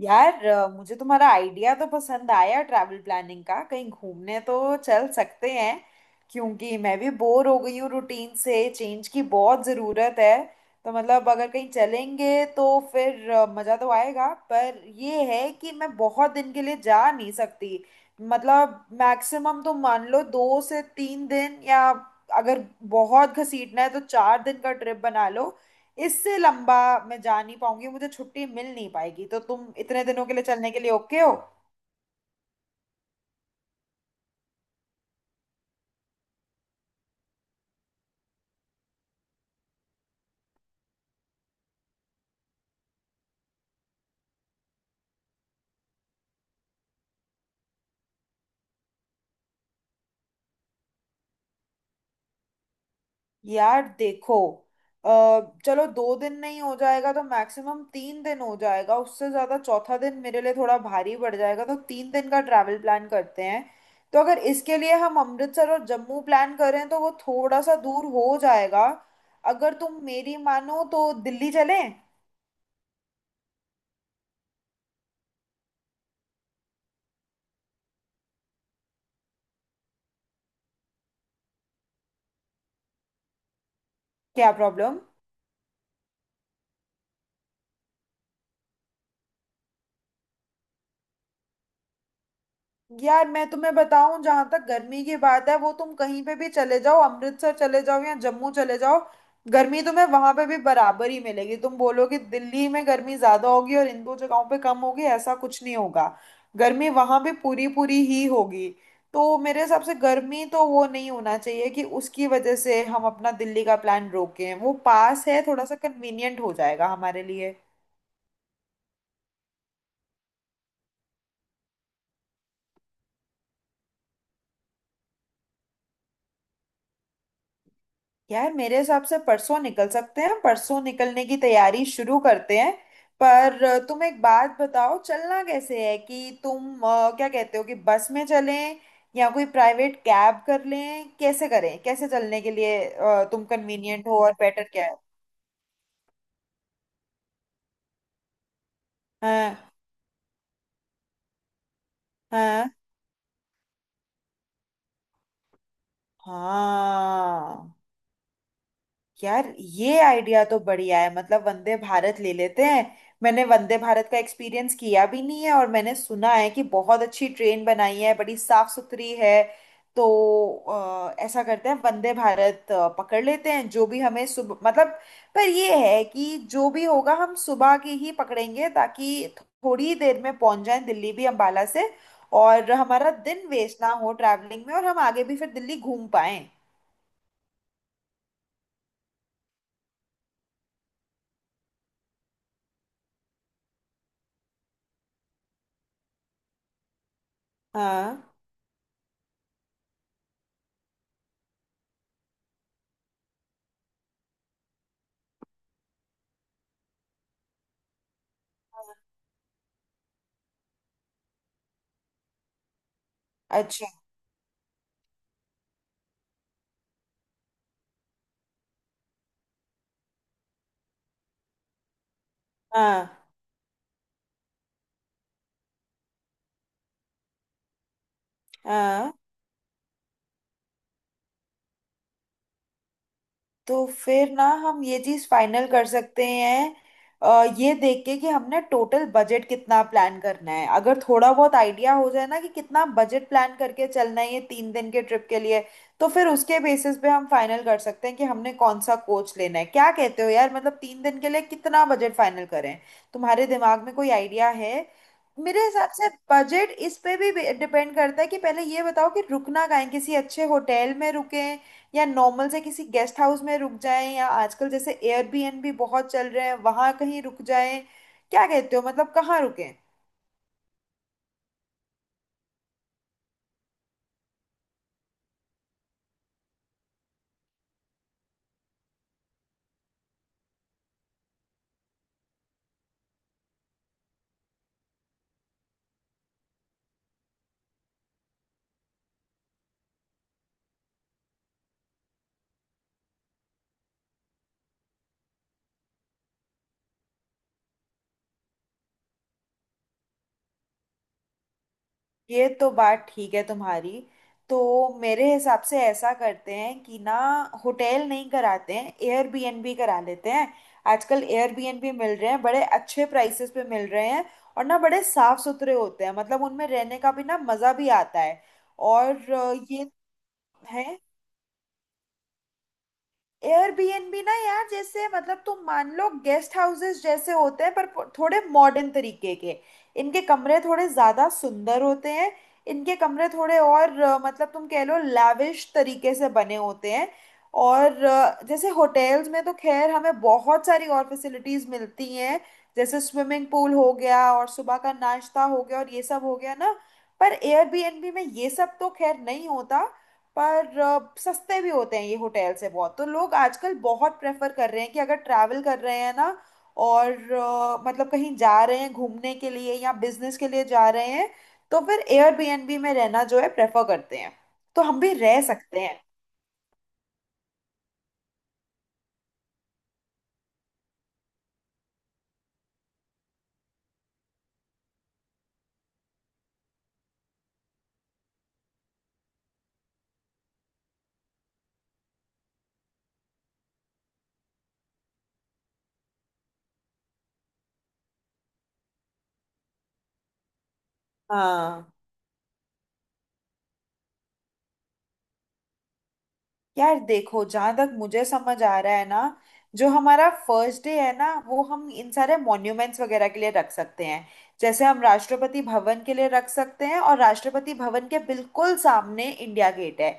यार मुझे तुम्हारा आइडिया तो पसंद आया ट्रैवल प्लानिंग का। कहीं घूमने तो चल सकते हैं क्योंकि मैं भी बोर हो गई हूँ, रूटीन से चेंज की बहुत ज़रूरत है। तो मतलब अगर कहीं चलेंगे तो फिर मज़ा तो आएगा, पर ये है कि मैं बहुत दिन के लिए जा नहीं सकती। मतलब मैक्सिमम तो मान लो दो से तीन दिन, या अगर बहुत घसीटना है तो चार दिन का ट्रिप बना लो। इससे लंबा मैं जा नहीं पाऊंगी, मुझे छुट्टी मिल नहीं पाएगी। तो तुम इतने दिनों के लिए चलने के लिए ओके हो? यार देखो, अ, चलो दो दिन नहीं हो जाएगा तो मैक्सिमम तीन दिन हो जाएगा, उससे ज्यादा चौथा दिन मेरे लिए थोड़ा भारी पड़ जाएगा। तो तीन दिन का ट्रैवल प्लान करते हैं। तो अगर इसके लिए हम अमृतसर और जम्मू प्लान करें तो वो थोड़ा सा दूर हो जाएगा। अगर तुम मेरी मानो तो दिल्ली चलें। क्या प्रॉब्लम? यार मैं तुम्हें बताऊं, जहां तक गर्मी की बात है, वो तुम कहीं पे भी चले जाओ, अमृतसर चले जाओ या जम्मू चले जाओ, गर्मी तुम्हें वहां पे भी बराबर ही मिलेगी। तुम बोलोगे दिल्ली में गर्मी ज्यादा होगी और इन दो जगहों पे कम होगी, ऐसा कुछ नहीं होगा। गर्मी वहां भी पूरी पूरी ही होगी। तो मेरे हिसाब से गर्मी तो वो नहीं होना चाहिए कि उसकी वजह से हम अपना दिल्ली का प्लान रोकें। वो पास है, थोड़ा सा कन्वीनियंट हो जाएगा हमारे लिए। यार मेरे हिसाब से परसों निकल सकते हैं, परसों निकलने की तैयारी शुरू करते हैं। पर तुम एक बात बताओ, चलना कैसे है? कि तुम क्या कहते हो कि बस में चलें या कोई प्राइवेट कैब कर लें? कैसे करें? कैसे चलने के लिए तुम कन्वीनियंट हो और बेटर क्या है? हाँ। हाँ। हाँ, यार ये आइडिया तो बढ़िया है, मतलब वंदे भारत ले लेते हैं। मैंने वंदे भारत का एक्सपीरियंस किया भी नहीं है, और मैंने सुना है कि बहुत अच्छी ट्रेन बनाई है, बड़ी साफ सुथरी है। तो ऐसा करते हैं वंदे भारत पकड़ लेते हैं, जो भी हमें सुबह मतलब, पर ये है कि जो भी होगा हम सुबह की ही पकड़ेंगे ताकि थोड़ी देर में पहुंच जाएं दिल्ली भी अंबाला से, और हमारा दिन वेस्ट ना हो ट्रैवलिंग में, और हम आगे भी फिर दिल्ली घूम पाएं। हाँ। अच्छा। हाँ। हाँ। तो फिर ना हम ये चीज फाइनल कर सकते हैं, ये देख के कि हमने टोटल बजट कितना प्लान करना है। अगर थोड़ा बहुत आइडिया हो जाए ना कि कितना बजट प्लान करके चलना है ये तीन दिन के ट्रिप के लिए, तो फिर उसके बेसिस पे हम फाइनल कर सकते हैं कि हमने कौन सा कोच लेना है। क्या कहते हो यार, मतलब तीन दिन के लिए कितना बजट फाइनल करें? तुम्हारे दिमाग में कोई आइडिया है? मेरे हिसाब से बजट इस पे भी डिपेंड करता है कि पहले ये बताओ कि रुकना कहाँ है। किसी अच्छे होटल में रुके या नॉर्मल से किसी गेस्ट हाउस में रुक जाएं, या आजकल जैसे एयरबीएनबी बहुत चल रहे हैं, वहां कहीं रुक जाएं? क्या कहते हो, मतलब कहाँ रुकें? ये तो बात ठीक है तुम्हारी। तो मेरे हिसाब से ऐसा करते हैं कि ना होटल नहीं कराते हैं, एयरबीएनबी करा लेते हैं। आजकल एयरबीएनबी मिल रहे हैं बड़े अच्छे प्राइसेस पे मिल रहे हैं। और ना बड़े साफ सुथरे होते हैं, मतलब उनमें रहने का भी ना मज़ा भी आता है। और ये है, एयरबीएनबी ना यार जैसे मतलब तुम मान लो गेस्ट हाउसेस जैसे होते हैं, पर थोड़े मॉडर्न तरीके के। इनके कमरे थोड़े ज्यादा सुंदर होते हैं। इनके कमरे थोड़े और मतलब तुम कह लो लैविश तरीके से बने होते हैं। और जैसे होटल्स में तो खैर हमें बहुत सारी और फैसिलिटीज मिलती हैं, जैसे स्विमिंग पूल हो गया, और सुबह का नाश्ता हो गया, और ये सब हो गया ना। पर एयरबीएनबी में ये सब तो खैर नहीं होता, पर सस्ते भी होते हैं ये होटल से बहुत। तो लोग आजकल बहुत प्रेफर कर रहे हैं कि अगर ट्रैवल कर रहे हैं ना, और मतलब कहीं जा रहे हैं घूमने के लिए या बिजनेस के लिए जा रहे हैं, तो फिर एयरबीएनबी में रहना जो है प्रेफर करते हैं। तो हम भी रह सकते हैं। हाँ, यार देखो, जहां तक मुझे समझ आ रहा है ना, जो हमारा फर्स्ट डे है ना वो हम इन सारे मॉन्यूमेंट्स वगैरह के लिए रख सकते हैं। जैसे हम राष्ट्रपति भवन के लिए रख सकते हैं, और राष्ट्रपति भवन के बिल्कुल सामने इंडिया गेट है।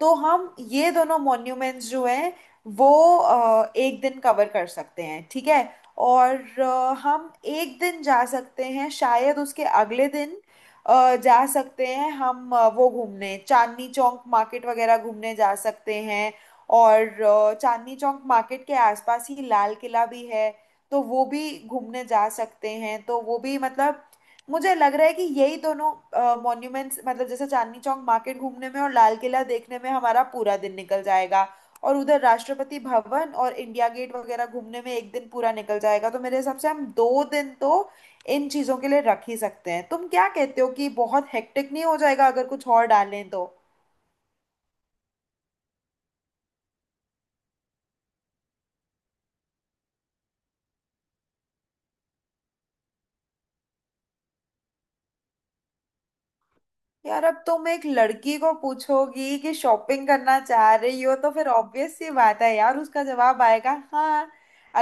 तो हम ये दोनों मॉन्यूमेंट्स जो हैं, वो एक दिन कवर कर सकते हैं, ठीक है? और हम एक दिन जा सकते हैं शायद उसके अगले दिन, जा सकते हैं हम, वो घूमने चांदनी चौक मार्केट वगैरह घूमने जा सकते हैं। और चांदनी चौक मार्केट के आसपास ही लाल किला भी है, तो वो भी घूमने जा सकते हैं। तो वो भी मतलब, मुझे लग रहा है कि यही दोनों मॉन्यूमेंट्स, मतलब जैसे चांदनी चौक मार्केट घूमने में और लाल किला देखने में हमारा पूरा दिन निकल जाएगा, और उधर राष्ट्रपति भवन और इंडिया गेट वगैरह घूमने में एक दिन पूरा निकल जाएगा। तो मेरे हिसाब से हम दो दिन तो इन चीजों के लिए रख ही सकते हैं। तुम क्या कहते हो, कि बहुत हेक्टिक नहीं हो जाएगा अगर कुछ और डालें तो? यार अब तुम एक लड़की को पूछोगी कि शॉपिंग करना चाह रही हो, तो फिर ऑब्वियस सी बात है यार, उसका जवाब आएगा हाँ।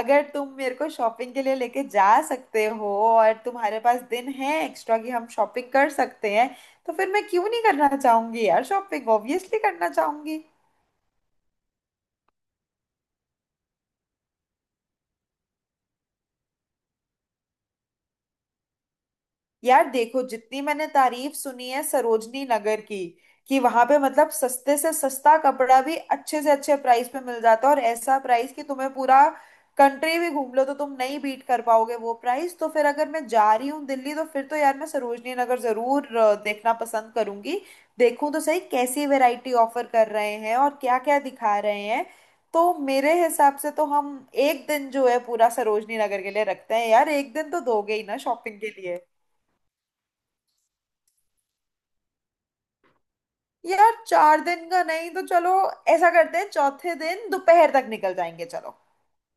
अगर तुम मेरे को शॉपिंग के लिए लेके जा सकते हो और तुम्हारे पास दिन है एक्स्ट्रा कि हम शॉपिंग कर सकते हैं, तो फिर मैं क्यों नहीं करना चाहूंगी यार? शॉपिंग ऑब्वियसली करना चाहूंगी। यार देखो, जितनी मैंने तारीफ सुनी है सरोजनी नगर की, कि वहां पे मतलब सस्ते से सस्ता कपड़ा भी अच्छे से अच्छे प्राइस पे मिल जाता है, और ऐसा प्राइस कि तुम्हें पूरा कंट्री भी घूम लो तो तुम नहीं बीट कर पाओगे वो प्राइस। तो फिर अगर मैं जा रही हूँ दिल्ली तो फिर तो यार मैं सरोजनी नगर जरूर देखना पसंद करूंगी। देखूं तो सही कैसी वैरायटी ऑफर कर रहे हैं और क्या क्या दिखा रहे हैं। तो मेरे हिसाब से तो हम एक दिन जो है पूरा सरोजनी नगर के लिए रखते हैं। यार एक दिन तो दोगे ही ना शॉपिंग के लिए? यार चार दिन का नहीं तो चलो ऐसा करते हैं, चौथे दिन दोपहर तक निकल जाएंगे, चलो।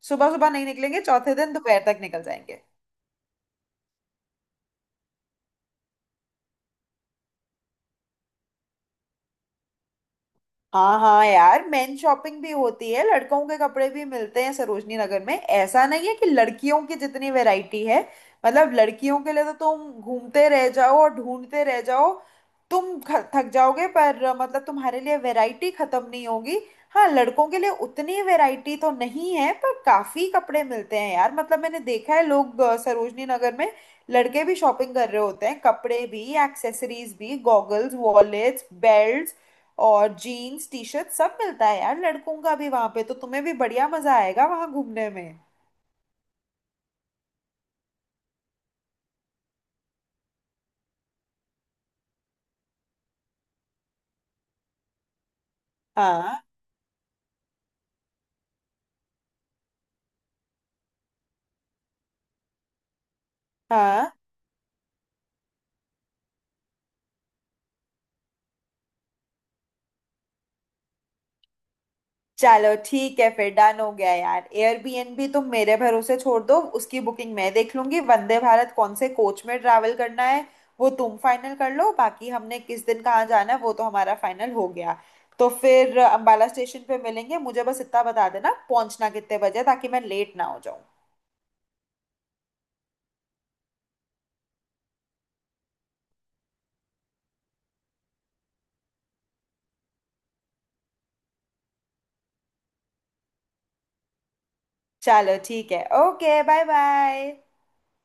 सुबह सुबह नहीं निकलेंगे, चौथे दिन दोपहर तक निकल जाएंगे। हाँ, हाँ, यार मेन शॉपिंग भी होती है, लड़कों के कपड़े भी मिलते हैं सरोजनी नगर में। ऐसा नहीं है कि लड़कियों की जितनी वैरायटी है, मतलब लड़कियों के लिए तो तुम घूमते रह जाओ और ढूंढते रह जाओ, तुम थक जाओगे, पर मतलब तुम्हारे लिए वैरायटी खत्म नहीं होगी। हाँ, लड़कों के लिए उतनी वैरायटी तो नहीं है, पर काफी कपड़े मिलते हैं यार, मतलब मैंने देखा है लोग सरोजनी नगर में लड़के भी शॉपिंग कर रहे होते हैं, कपड़े भी, एक्सेसरीज भी, गॉगल्स, वॉलेट्स, बेल्ट और जीन्स टी शर्ट सब मिलता है यार लड़कों का भी वहां पे। तो तुम्हें भी बढ़िया मजा आएगा वहां घूमने में। हाँ। हाँ। चलो ठीक है फिर, डन हो गया यार। एयरबीएनबी तुम मेरे भरोसे छोड़ दो, उसकी बुकिंग मैं देख लूंगी। वंदे भारत कौन से कोच में ट्रैवल करना है वो तुम फाइनल कर लो। बाकी हमने किस दिन कहाँ जाना है वो तो हमारा फाइनल हो गया। तो फिर अंबाला स्टेशन पे मिलेंगे। मुझे बस इतना बता देना पहुंचना कितने बजे, ताकि मैं लेट ना हो जाऊं। चलो ठीक है, ओके, बाय बाय।